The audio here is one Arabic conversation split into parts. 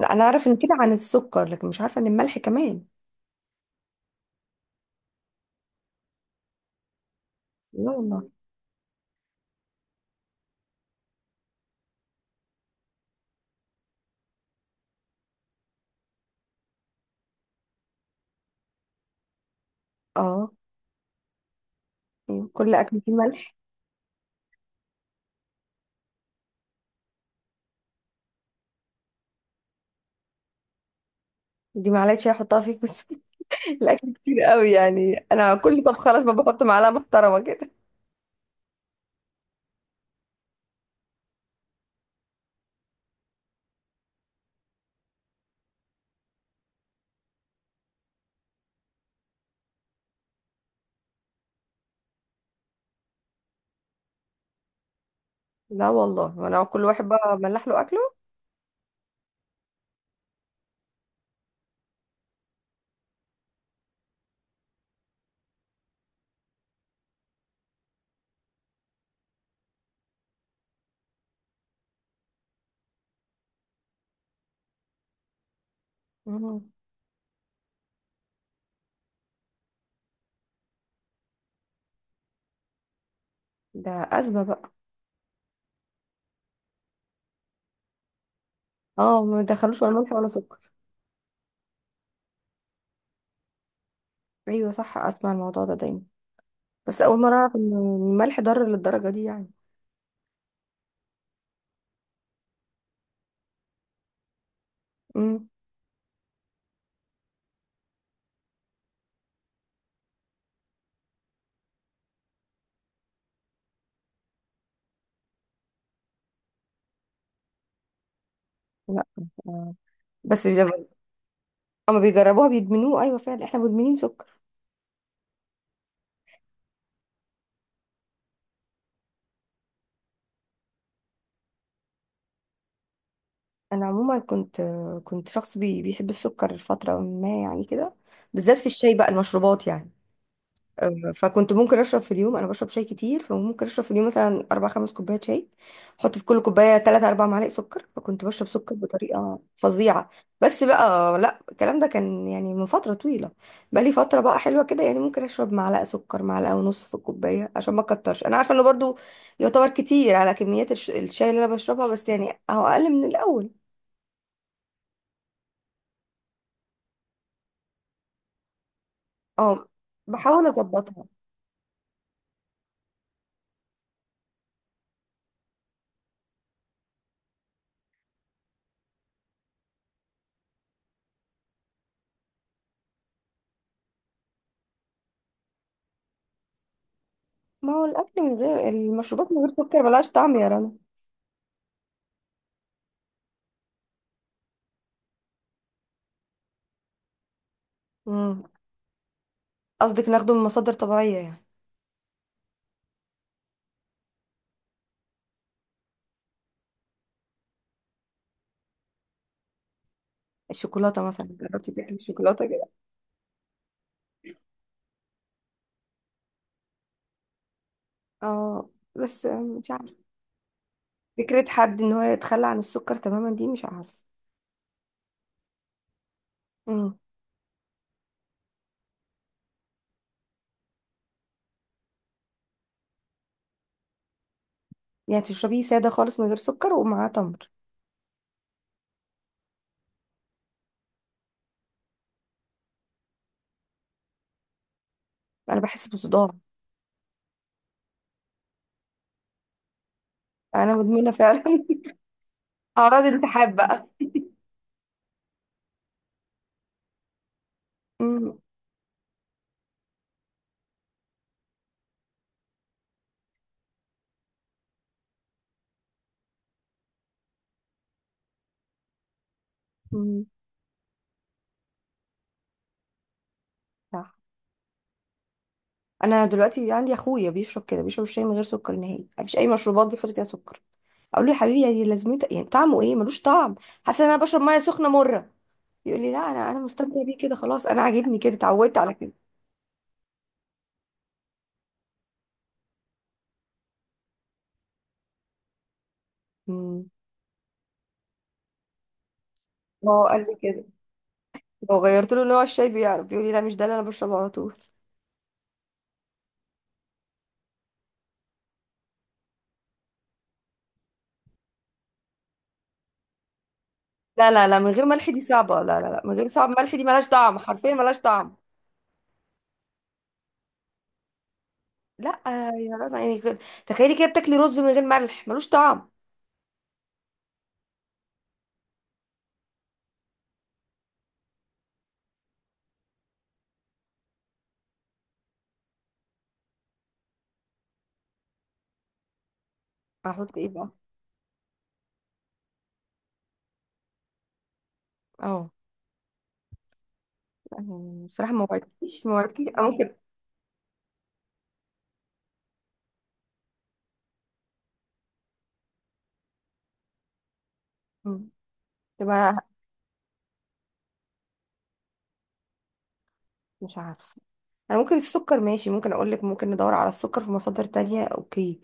لا، انا اعرف ان كده عن السكر لكن مش عارفه ان الملح كمان. لا والله. اه. أيوة، كل اكل فيه ملح. دي معلقه شاي احطها فيه بس. الاكل كتير قوي يعني انا كل طب خلاص ما بحط معلقه محترمه كده. لا والله، انا كل واحد بقى ملح له اكله. مم. ده ازمه بقى. اه ما دخلوش ولا ملح ولا سكر. ايوه صح، اسمع الموضوع ده دايما. بس اول مره اعرف ان الملح ضار للدرجه دي يعني. امم. لا. آه. بس لما بيجربوها بيدمنوه، ايوه فعلا احنا مدمنين سكر. انا عموما كنت شخص بيحب السكر فتره ما يعني كده، بالذات في الشاي بقى المشروبات يعني. فكنت ممكن اشرب في اليوم، انا بشرب شاي كتير فممكن اشرب في اليوم مثلا اربع خمس كوبايات شاي. احط في كل كوبايه 3 4 معالق سكر، فكنت بشرب سكر بطريقه فظيعه. بس بقى لا، الكلام ده كان يعني من فتره طويله. بقى لي فتره بقى حلوه كده، يعني ممكن اشرب معلقه سكر، معلقه ونص في الكوبايه، عشان ما اكترش. انا عارفه انه برضو يعتبر كتير على كميات الشاي اللي انا بشربها، بس يعني اهو اقل من الاول. اه، بحاول اظبطها. ما هو الاكل من غير المشروبات من غير سكر ملهاش طعم يا رنا. امم. قصدك ناخده من مصادر طبيعيه يعني. الشوكولاته مثلا جربتي تاكلي الشوكولاته كده. اه، بس مش عارفه فكره حد ان هو يتخلى عن السكر تماما، دي مش عارفه. امم. يعني تشربيه ساده خالص من غير سكر ومعاه تمر. انا بحس بصداع. انا مدمنه فعلا اعراض التحاب بقى. امم. امم. صح. انا دلوقتي عندي اخويا بيشرب كده، بيشرب الشاي من غير سكر نهائي، مفيش اي مشروبات بيحط فيها سكر. اقول له يا حبيبي يعني لازمته، يعني طعمه ايه، ملوش طعم، حاسه ان انا بشرب ميه سخنه مره. يقول لي لا، انا مستمتع بيه كده، خلاص انا عاجبني كده، اتعودت على كده. امم. هو قال لي كده، لو غيرت له نوع الشاي بيعرف يقول لي لا مش ده اللي انا بشربه على طول. لا لا لا، من غير ملح دي صعبه، لا لا لا، من غير صعب ملح دي ملهاش طعم حرفيا ملهاش طعم. لا. يا رنا يعني كده- تخيلي كده بتاكلي رز من غير ملح ملوش طعم. احط ايه بقى. اه، يعني بصراحه ما وعدتكيش أنا ممكن. مم. تبقى. مش عارفه. انا ممكن السكر ماشي، ممكن اقول لك ممكن ندور على السكر في مصادر تانية، اوكي.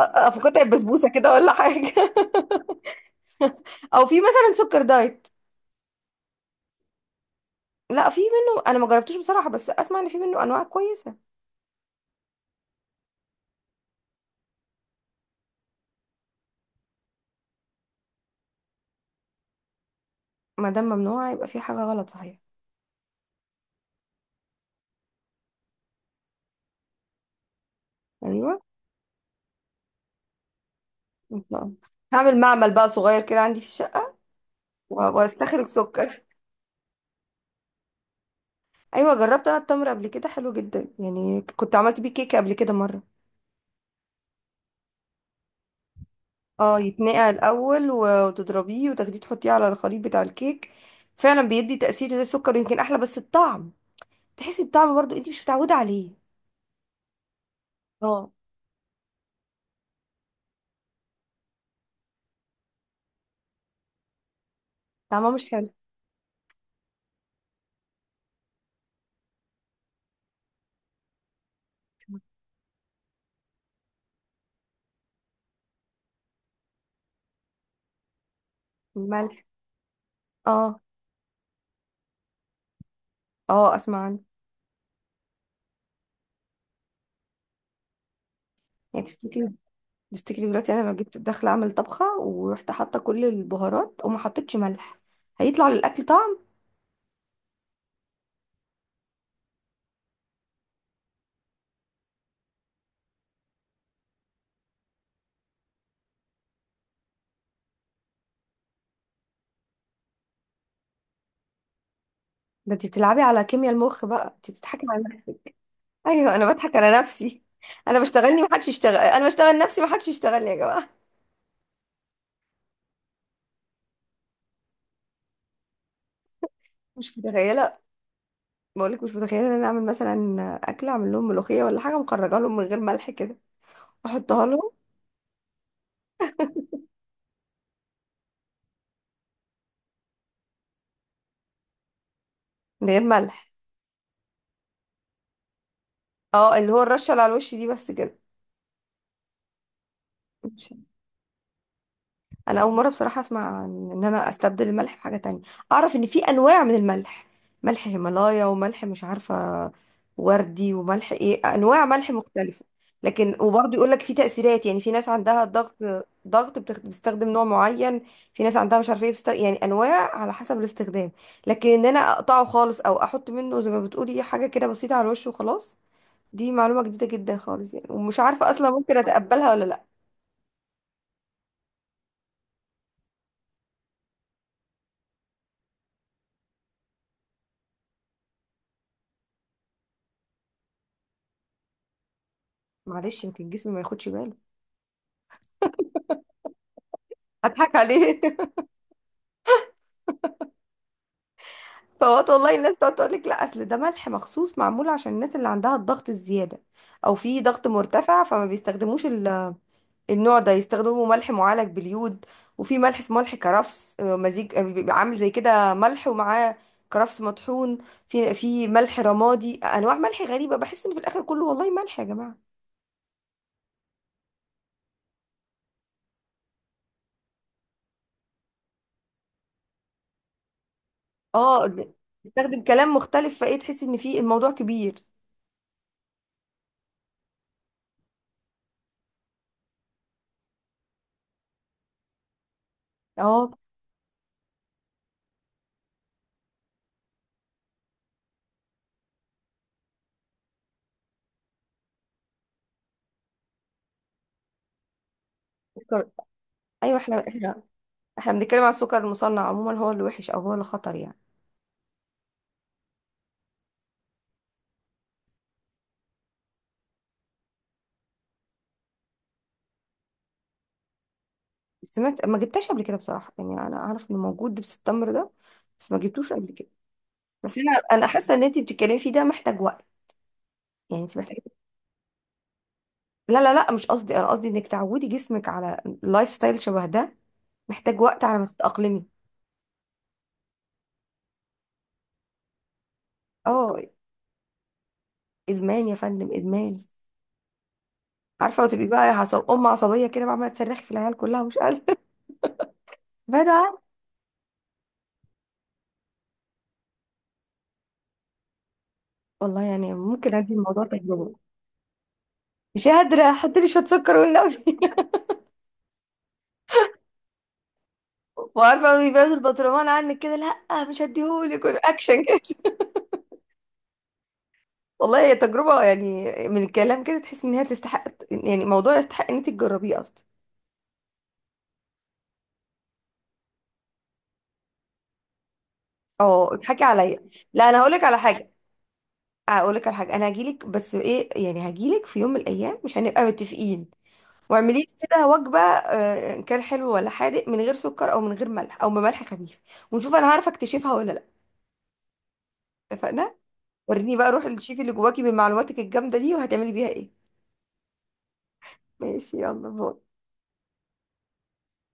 أ- في قطع بسبوسه كده ولا حاجه؟ او في مثلا سكر دايت. لا في منه، انا ما جربتوش بصراحه بس اسمع ان في منه انواع كويسه. ما دام ممنوع يبقى في حاجه غلط صحيح. ايوه. إن شاء الله. هعمل معمل بقى صغير كده عندي في الشقه واستخرج سكر. ايوه، جربت انا التمر قبل كده، حلو جدا يعني، كنت عملت بيه كيكه قبل كده مره. اه، يتنقع الاول وتضربيه وتاخديه تحطيه على الخليط بتاع الكيك، فعلا بيدي تاثير زي السكر، يمكن احلى، بس الطعم تحسي الطعم برضو انت مش متعوده عليه. اه. طعمه مش حلو. الملح. اه. اه اسمع عنه. يعني تفتكري دلوقتي انا لو جبت داخله اعمل طبخه ورحت حاطه كل البهارات وما حطيتش ملح، هيطلع للاكل طعم؟ ده انت بتلعبي على كيمياء المخ بقى، انت بتضحكي على نفسك. ايوه. انا بضحك على نفسي، انا بشتغلني، ما حدش يشتغل انا، بشتغل نفسي ما حدش يشتغلني يا جماعه. مش متخيله. بقولك مش متخيله ان انا اعمل مثلا اكل، اعمل لهم ملوخيه ولا حاجه مخرجه لهم من غير ملح كده، احطها لهم؟ من غير ملح. اه، اللي هو الرشه اللي على الوش دي بس كده. انا اول مره بصراحه اسمع عن ان انا استبدل الملح بحاجه تانية، اعرف ان في انواع من الملح، ملح هيمالايا وملح مش عارفه وردي وملح ايه، انواع ملح مختلفه، لكن وبرضه يقول لك في تاثيرات. يعني في ناس عندها ضغط، ضغط بتستخدم نوع معين. في ناس عندها مش عارفه ايه يعني انواع على حسب الاستخدام. لكن ان انا اقطعه خالص او احط منه زي ما بتقولي حاجه كده بسيطه على الوش وخلاص، دي معلومه جديده جدا خالص يعني، ومش عارفه اصلا ممكن اتقبلها ولا لا. معلش يمكن جسمي ما ياخدش باله. اضحك عليه فوات والله. الناس تقعد تقول لك لا اصل ده ملح مخصوص معمول عشان الناس اللي عندها الضغط الزياده او في ضغط مرتفع، فما بيستخدموش النوع ده، يستخدموا ملح معالج باليود. وفي ملح اسمه ملح كرفس، مزيج، بيبقى عامل زي كده ملح ومعاه كرفس مطحون. في ملح رمادي، انواع ملح غريبه، بحس ان في الاخر كله والله ملح يا جماعه. اه بيستخدم كلام مختلف فايه تحس ان في الموضوع كبير. اه، ايوه احنا بنتكلم على السكر المصنع عموما، هو اللي وحش او هو اللي خطر يعني. سمعت، ما جبتهاش قبل كده بصراحه، يعني انا اعرف انه موجود دبس التمر ده بس ما جبتوش قبل كده. بس انا حاسه ان انت بتتكلمي فيه ده محتاج وقت، يعني انت محتاجه. لا لا لا، مش قصدي، انا قصدي انك تعودي جسمك على لايف ستايل شبه ده محتاج وقت على ما تتاقلمي. اه، ادمان يا فندم، ادمان. عارفه، وتبقي بقى عصب ام عصبيه كده، بقى عماله تصرخي في العيال كلها ومش قادره بدع. والله يعني ممكن ادي الموضوع تجربه. مش قادره، حطيلي شويه سكر والنبي. وعارفه، بيبعد البطرمان عنك كده، لا مش هديهولك اكشن كده. والله هي تجربه، يعني من الكلام كده تحس ان هي تستحق، يعني موضوع يستحق ان انت تجربيه اصلا. اه اضحكي عليا. لا، انا هقولك على حاجه، هقولك على حاجه. انا هجيلك، بس ايه يعني هجيلك في يوم من الايام مش هنبقى متفقين، واعملي لي كده وجبه ان كان حلو ولا حادق من غير سكر او من غير ملح او بملح خفيف، ونشوف انا هعرف اكتشفها ولا لا. اتفقنا. وريني بقى روح الشيف اللي جواكي بمعلوماتك الجامده دي، وهتعملي بيها ايه. ماشي يلا باي.